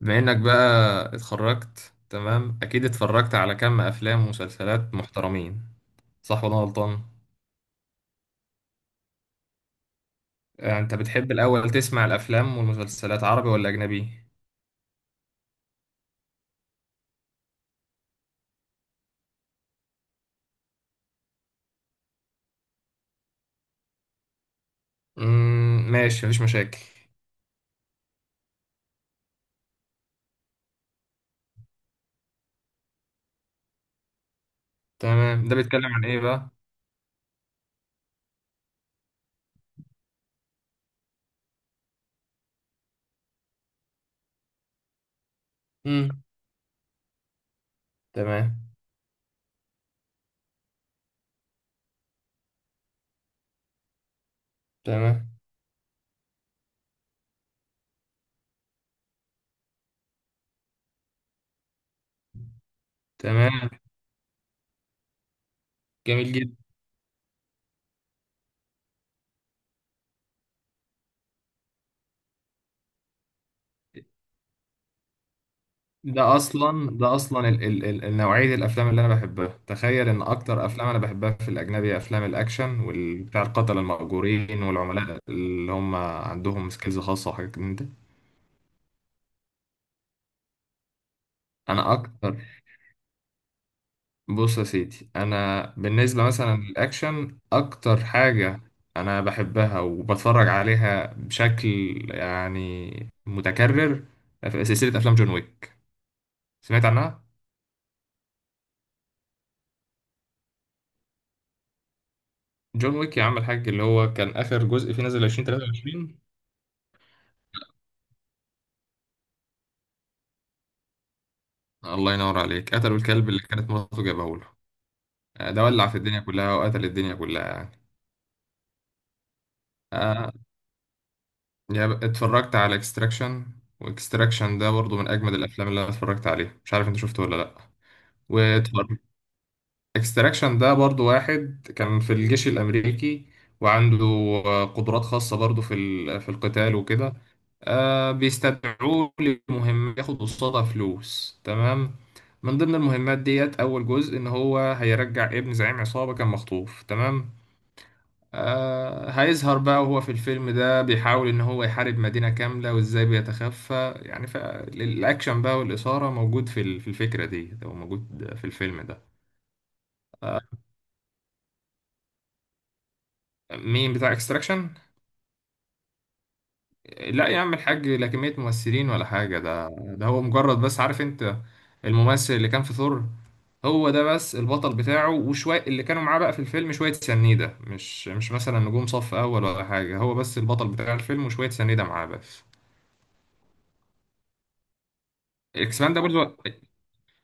بما انك بقى اتخرجت. تمام، اكيد اتفرجت على كم افلام ومسلسلات محترمين، صح ولا أنا غلطان؟ انت بتحب الاول تسمع الافلام والمسلسلات عربي ولا اجنبي؟ ماشي، مفيش مشاكل. تمام، ده بيتكلم عن ايه بقى؟ امم. تمام. تمام. تمام. جميل جدا. ده اصلا ال النوعيه الافلام اللي انا بحبها. تخيل ان اكتر افلام انا بحبها في الاجنبي افلام الاكشن والبتاع، القتله المأجورين والعملاء اللي هم عندهم سكيلز خاصه وحاجات من ده. انا اكتر، بص يا سيدي انا بالنسبه مثلا للاكشن اكتر حاجه انا بحبها وبتفرج عليها بشكل متكرر. في سلسله افلام جون ويك، سمعت عنها؟ جون ويك، يا عم الحاج، اللي هو كان اخر جزء فيه نزل 2023. الله ينور عليك، قتلوا الكلب اللي كانت مراته جابه له. ده ولع في الدنيا كلها وقتل الدنيا كلها يعني. آه، اتفرجت على اكستراكشن. واكستراكشن ده برضو من اجمد الافلام اللي انا اتفرجت عليها، مش عارف انت شفته ولا لا. واتفرجت، اكستراكشن ده برضو واحد كان في الجيش الامريكي، وعنده قدرات خاصه برضو في في القتال وكده. بيستدعوه لمهمة ياخد قصادها فلوس. تمام، من ضمن المهمات ديت أول جزء إن هو هيرجع ابن زعيم عصابة كان مخطوف. تمام، آه هيظهر بقى، وهو في الفيلم ده بيحاول إن هو يحارب مدينة كاملة وإزاي بيتخفى، فالأكشن بقى والإثارة موجود في في الفكرة دي، أو موجود في الفيلم ده. آه، مين بتاع اكستراكشن؟ لا يا عم الحاج، لا كمية ممثلين ولا حاجة، ده هو مجرد، بس عارف انت الممثل اللي كان في ثور؟ هو ده بس البطل بتاعه، وشوية اللي كانوا معاه بقى في الفيلم شوية سنيدة، مش مثلا نجوم صف أول ولا حاجة، هو بس البطل بتاع الفيلم وشوية سنيدة معاه بس. اكسباندابلز و...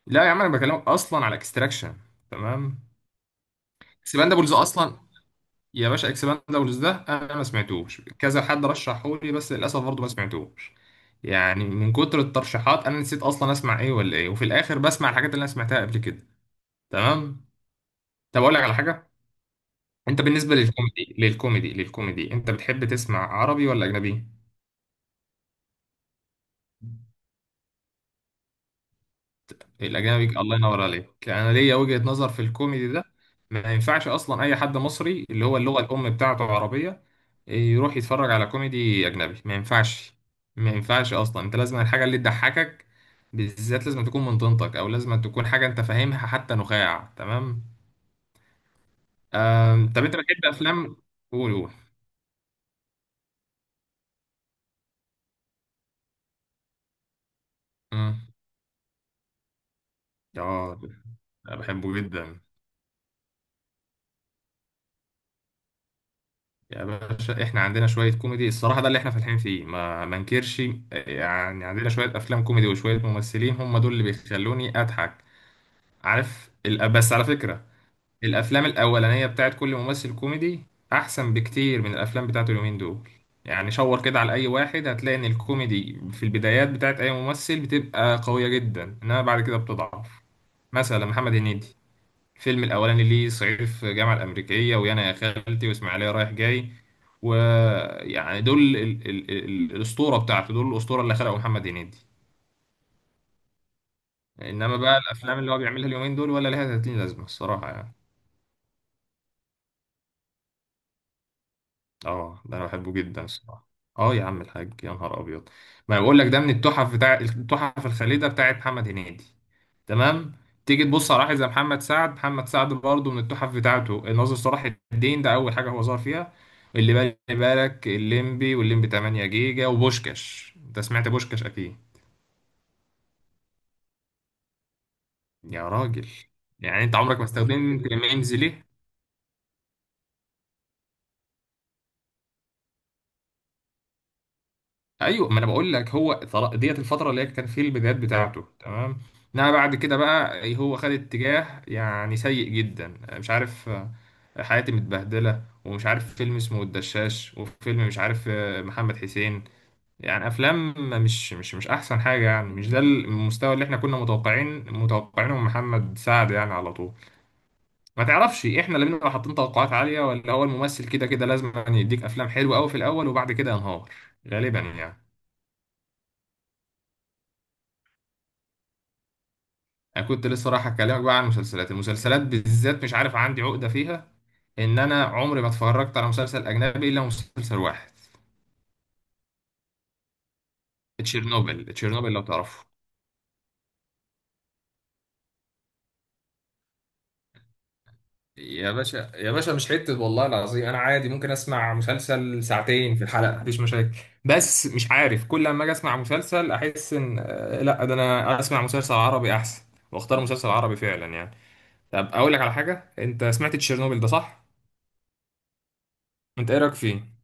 لا يا عم انا بكلمك اصلا على اكستراكشن. تمام. اكسباندابلز اصلا، يا باشا اكسباندابلز ده انا ما سمعتوش، كذا حد رشحه لي بس للاسف برضه ما سمعتوش. من كتر الترشيحات انا نسيت اصلا اسمع ايه ولا ايه، وفي الاخر بسمع الحاجات اللي انا سمعتها قبل كده. تمام، طب اقول لك على حاجه؟ انت بالنسبه للكوميدي انت بتحب تسمع عربي ولا اجنبي؟ الاجنبي؟ الله ينور عليك. انا ليا وجهة نظر في الكوميدي ده، ما ينفعش اصلا اي حد مصري اللي هو اللغة الام بتاعته عربية يروح يتفرج على كوميدي اجنبي، ما ينفعش. ما ينفعش اصلا، انت لازم الحاجة اللي تضحكك بالذات لازم تكون من طينتك، او لازم تكون حاجة انت فاهمها حتى نخاع. تمام، طب انت بتحب افلام؟ قول قول. مم. اه، أنا بحبه جدا. يا باشا احنا عندنا شوية كوميدي الصراحة، ده اللي احنا فالحين فيه، ما انكرش. عندنا شوية افلام كوميدي وشوية ممثلين هم دول اللي بيخلوني اضحك. عارف بس على فكرة، الافلام الاولانية بتاعت كل ممثل كوميدي احسن بكتير من الافلام بتاعته اليومين دول. شاور كده على اي واحد، هتلاقي ان الكوميدي في البدايات بتاعت اي ممثل بتبقى قوية جدا، انما بعد كده بتضعف. مثلا محمد هنيدي، الفيلم الأولاني ليه صعيدي في الجامعة الأمريكية، ويانا يا خالتي، وإسماعيلية رايح جاي، دول ال الأسطورة بتاعته، دول الأسطورة اللي خلقه محمد هنيدي. إنما بقى الأفلام اللي هو بيعملها اليومين دول ولا ليها 30 لازمة الصراحة يعني. اه ده انا بحبه جدا الصراحه. اه يا عم الحاج، يا نهار ابيض، ما أنا بقول لك ده من التحف، بتاع التحف الخالده بتاعت محمد هنيدي. تمام، تيجي تبص على واحد زي محمد سعد، محمد سعد برضه من التحف بتاعته الناظر صلاح الدين ده اول حاجه هو ظهر فيها، اللي بالي بالك الليمبي والليمبي 8 جيجا وبوشكاش، انت سمعت بوشكاش اكيد؟ يا راجل، انت عمرك ما استخدمت ميمز ليه؟ ايوه، ما انا بقول لك هو ديت الفتره اللي هي كان في البدايات بتاعته. تمام، انما بعد كده بقى هو خد اتجاه سيء جدا، مش عارف، حياتي متبهدله ومش عارف فيلم اسمه الدشاش، وفيلم مش عارف، محمد حسين. افلام مش احسن حاجه، يعني مش ده المستوى اللي احنا كنا متوقعينه من محمد سعد يعني على طول. ما تعرفش احنا اللي بنبقى حاطين توقعات عاليه، ولا هو الممثل كده لازم يعني يديك افلام حلوه قوي في الاول وبعد كده ينهار، غالبا يعني. انا كنت لسه رايح اكلمك بقى عن المسلسلات، المسلسلات بالذات مش عارف عندي عقده فيها، ان انا عمري ما اتفرجت على مسلسل اجنبي الا مسلسل واحد، تشيرنوبل، تشيرنوبل لو تعرفه. يا باشا، يا باشا مش حتة، والله العظيم أنا عادي ممكن أسمع مسلسل ساعتين في الحلقة مفيش مشاكل، بس مش عارف كل لما اجي اسمع مسلسل احس ان لا ده انا اسمع مسلسل عربي احسن، واختار مسلسل عربي فعلا يعني. طب اقول لك على حاجه، انت سمعت تشيرنوبل ده صح؟ انت ايه رايك فيه؟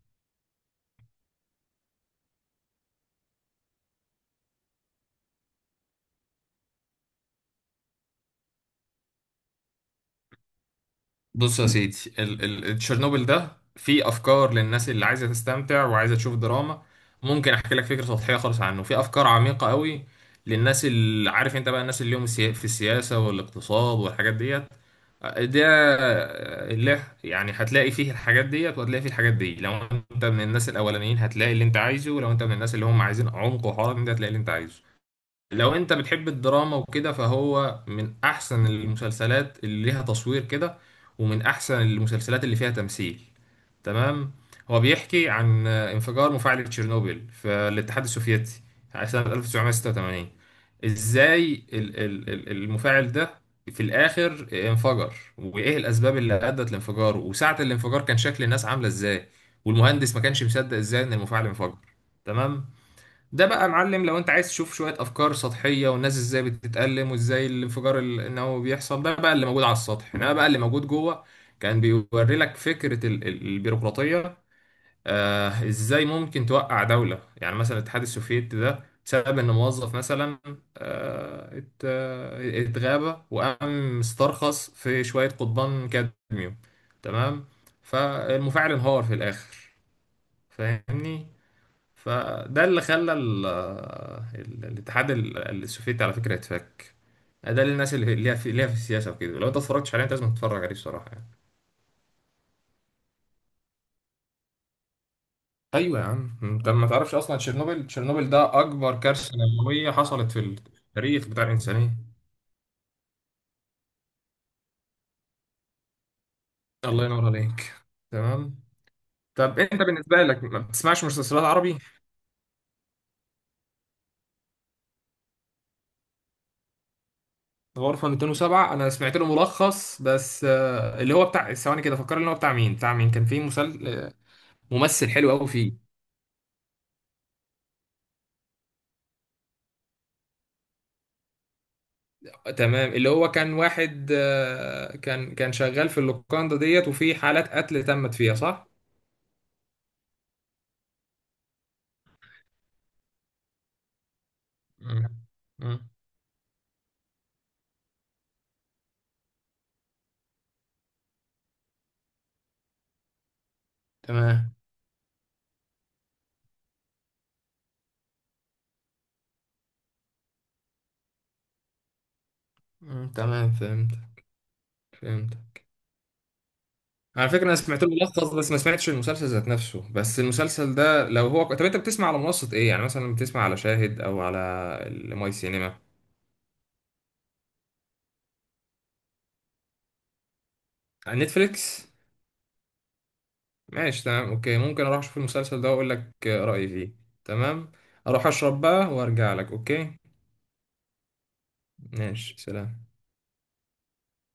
بص يا سيدي ال تشيرنوبل ده فيه افكار للناس اللي عايزه تستمتع وعايزه تشوف دراما، ممكن احكي لك فكره سطحيه خالص عنه. في افكار عميقه قوي للناس اللي عارف انت بقى، الناس اللي هم في السياسه والاقتصاد والحاجات ديت، ده اللي هتلاقي فيه الحاجات ديت، وهتلاقي فيه الحاجات دي. لو انت من الناس الاولانيين هتلاقي اللي انت عايزه، ولو انت من الناس اللي هم عايزين عمق وحوار من ده هتلاقي اللي انت عايزه. لو انت بتحب الدراما وكده فهو من احسن المسلسلات اللي ليها تصوير كده، ومن احسن المسلسلات اللي فيها تمثيل. تمام، هو بيحكي عن انفجار مفاعل تشيرنوبيل في الاتحاد السوفيتي سنة 1986، ازاي المفاعل ده في الاخر انفجر، وايه الاسباب اللي ادت لانفجاره، وساعة الانفجار كان شكل الناس عاملة ازاي، والمهندس ما كانش مصدق ازاي ان المفاعل انفجر. تمام، ده بقى يا معلم لو انت عايز تشوف شوية افكار سطحية، والناس ازاي بتتألم، وازاي الانفجار النووي بيحصل، ده بقى اللي موجود على السطح. انما بقى اللي موجود جوه كان بيوري لك فكرة البيروقراطية، آه ازاي ممكن توقع دولة يعني مثلا الاتحاد السوفيتي ده بسبب ان موظف مثلا، اتغابى وقام استرخص في شوية قضبان كادميوم. تمام، فالمفاعل انهار في الاخر، فاهمني؟ فده اللي خلى الاتحاد السوفيتي على فكرة يتفك. ده للناس اللي ليها في، ليها في السياسة وكده، لو انت اتفرجتش عليه انت لازم تتفرج عليه الصراحة يعني. ايوه يا عم، انت ما تعرفش اصلا، تشيرنوبل ده اكبر كارثة نووية حصلت في التاريخ بتاع الانسانية. الله ينور عليك. تمام، طب انت بالنسبة لك ما بتسمعش مسلسلات عربي؟ غرفة 207 انا سمعت له ملخص بس، اللي هو بتاع ثواني كده فكرني، اللي هو بتاع مين، بتاع مين كان فيه مسل... آه، ممثل حلو قوي فيه. تمام، اللي هو كان واحد، كان شغال في اللوكاندا ديت، وفي حالات قتل تمت فيها صح؟ مم. مم. تمام. مم. تمام فهمت، فهمت. على فكرة أنا سمعت له ملخص بس ما سمعتش المسلسل ذات نفسه، بس المسلسل ده لو هو، طب أنت بتسمع على منصة إيه؟ يعني مثلا بتسمع على شاهد أو على الماي سينما؟ على نتفليكس؟ ماشي، تمام، أوكي، ممكن أروح أشوف المسلسل ده وأقول لك رأيي فيه. تمام؟ أروح أشرب بقى وأرجع لك أوكي؟ ماشي، سلام.